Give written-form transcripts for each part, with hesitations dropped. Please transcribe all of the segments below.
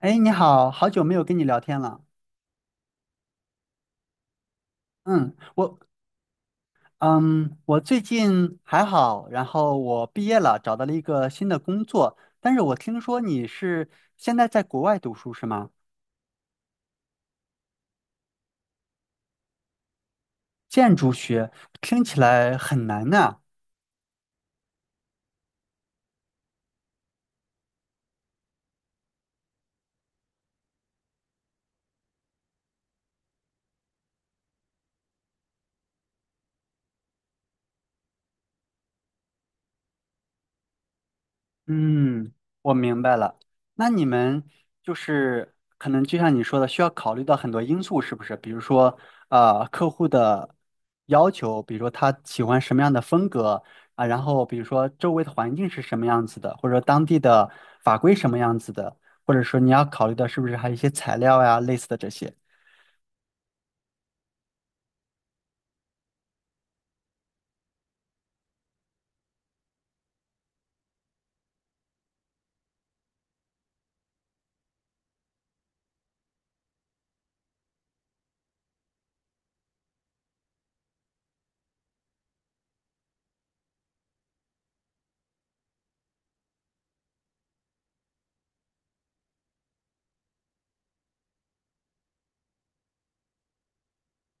哎，你好，好久没有跟你聊天了。嗯，我嗯，我最近还好，然后我毕业了，找到了一个新的工作。但是我听说你是现在在国外读书是吗？建筑学听起来很难呐。嗯，我明白了。那你们就是可能就像你说的，需要考虑到很多因素，是不是？比如说，客户的要求，比如说他喜欢什么样的风格啊，然后比如说周围的环境是什么样子的，或者说当地的法规什么样子的，或者说你要考虑的是不是还有一些材料呀，类似的这些。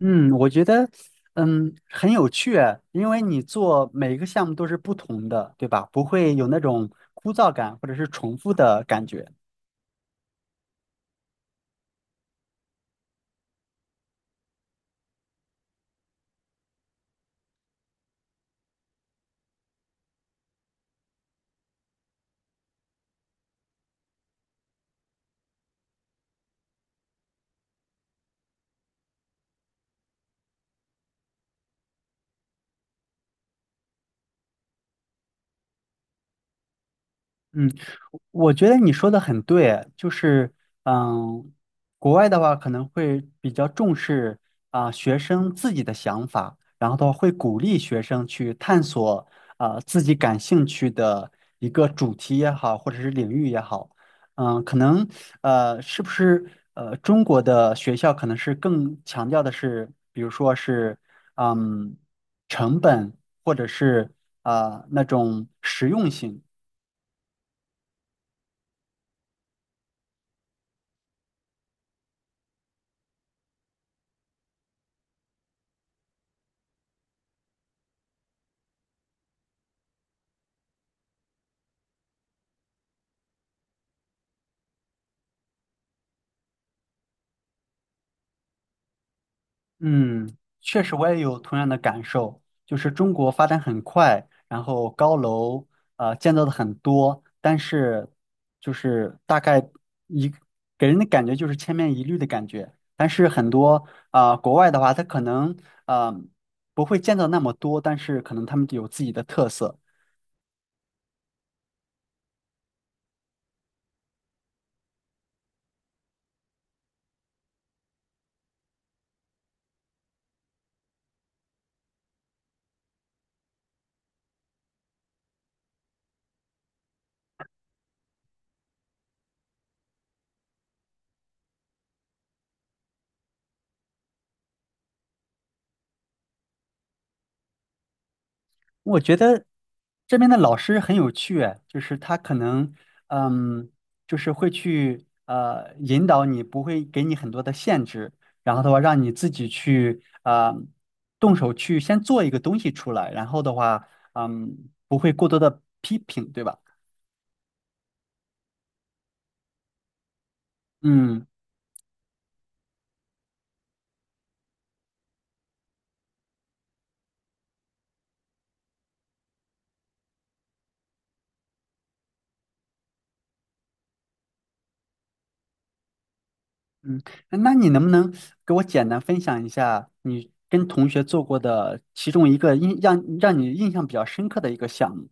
嗯，我觉得，嗯，很有趣啊，因为你做每一个项目都是不同的，对吧？不会有那种枯燥感或者是重复的感觉。嗯，我觉得你说的很对，就是嗯，国外的话可能会比较重视啊、学生自己的想法，然后的话会鼓励学生去探索啊、自己感兴趣的一个主题也好，或者是领域也好，嗯，可能是不是中国的学校可能是更强调的是，比如说是嗯成本或者是啊、那种实用性。嗯，确实我也有同样的感受，就是中国发展很快，然后高楼建造的很多，但是就是大概一给人的感觉就是千篇一律的感觉。但是很多啊、国外的话，他可能啊不会建造那么多，但是可能他们有自己的特色。我觉得这边的老师很有趣，哎就是他可能，嗯，就是会去引导你，不会给你很多的限制，然后的话让你自己去动手去先做一个东西出来，然后的话，嗯，不会过多的批评，对吧？嗯嗯，那你能不能给我简单分享一下你跟同学做过的其中一个印让你印象比较深刻的一个项目？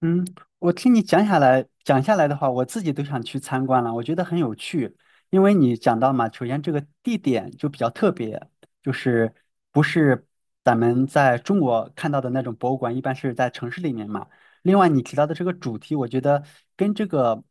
嗯，我听你讲下来的话，我自己都想去参观了，我觉得很有趣。因为你讲到嘛，首先这个地点就比较特别，就是不是咱们在中国看到的那种博物馆，一般是在城市里面嘛。另外，你提到的这个主题，我觉得跟这个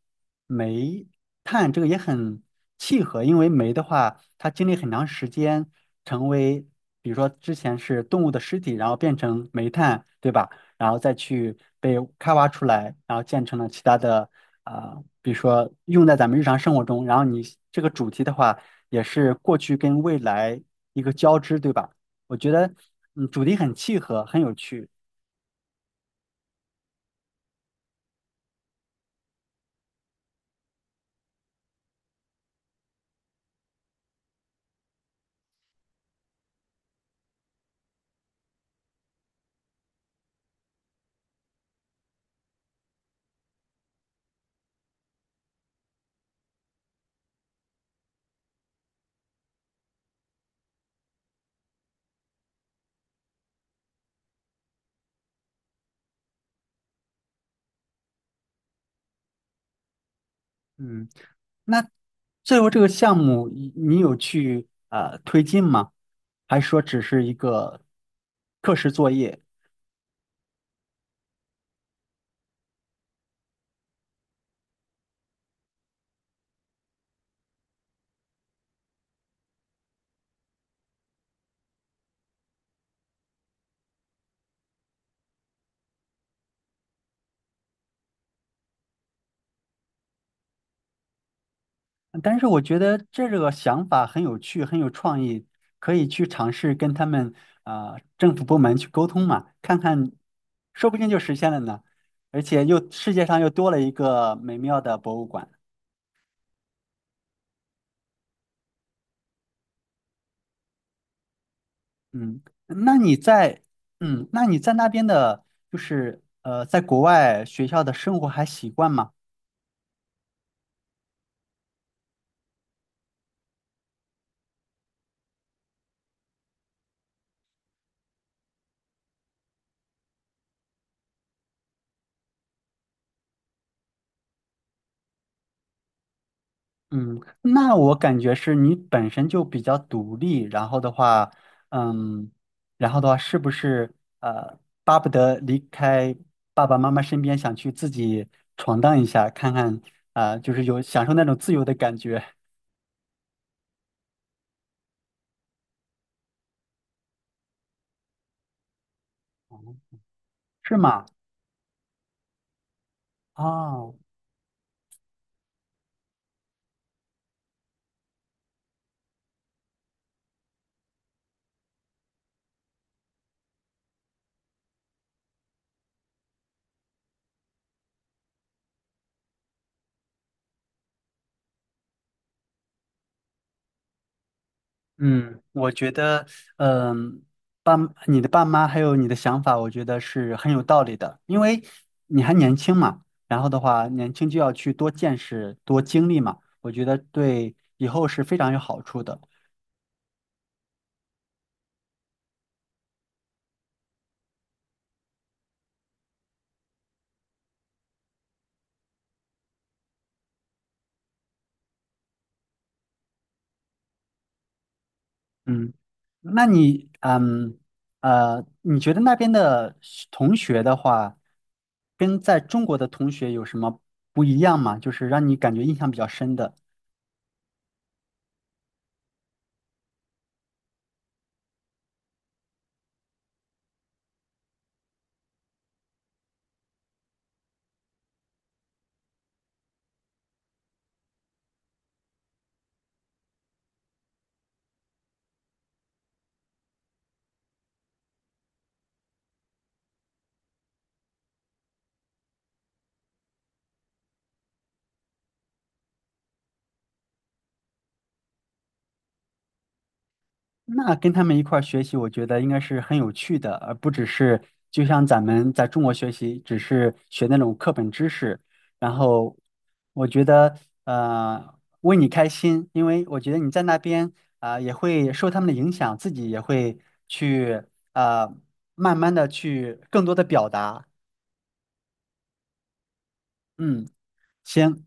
煤炭这个也很契合，因为煤的话，它经历很长时间成为，比如说之前是动物的尸体，然后变成煤炭，对吧？然后再去被开发出来，然后建成了其他的啊、比如说用在咱们日常生活中。然后你这个主题的话，也是过去跟未来一个交织，对吧？我觉得嗯，主题很契合，很有趣。嗯，那最后这个项目你有去啊推进吗？还是说只是一个课时作业？但是我觉得这个想法很有趣，很有创意，可以去尝试跟他们啊、政府部门去沟通嘛，看看，说不定就实现了呢。而且又世界上又多了一个美妙的博物馆。嗯，那你在嗯，那你在那边的，就是在国外学校的生活还习惯吗？嗯，那我感觉是你本身就比较独立，然后的话，嗯，然后的话，是不是呃，巴不得离开爸爸妈妈身边，想去自己闯荡一下，看看啊，就是有享受那种自由的感觉，是吗？啊，嗯，我觉得，嗯，爸，你的爸妈还有你的想法，我觉得是很有道理的，因为你还年轻嘛，然后的话，年轻就要去多见识、多经历嘛，我觉得对以后是非常有好处的。嗯，那你，嗯，你觉得那边的学同学的话，跟在中国的同学有什么不一样吗？就是让你感觉印象比较深的。那跟他们一块儿学习，我觉得应该是很有趣的，而不只是就像咱们在中国学习，只是学那种课本知识。然后我觉得，为你开心，因为我觉得你在那边啊、也会受他们的影响，自己也会去呃，慢慢的去更多的表达。嗯，行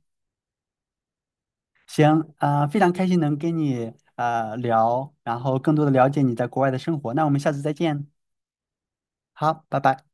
行，啊，非常开心能跟你啊聊，然后更多的了解你在国外的生活。那我们下次再见，好，拜拜。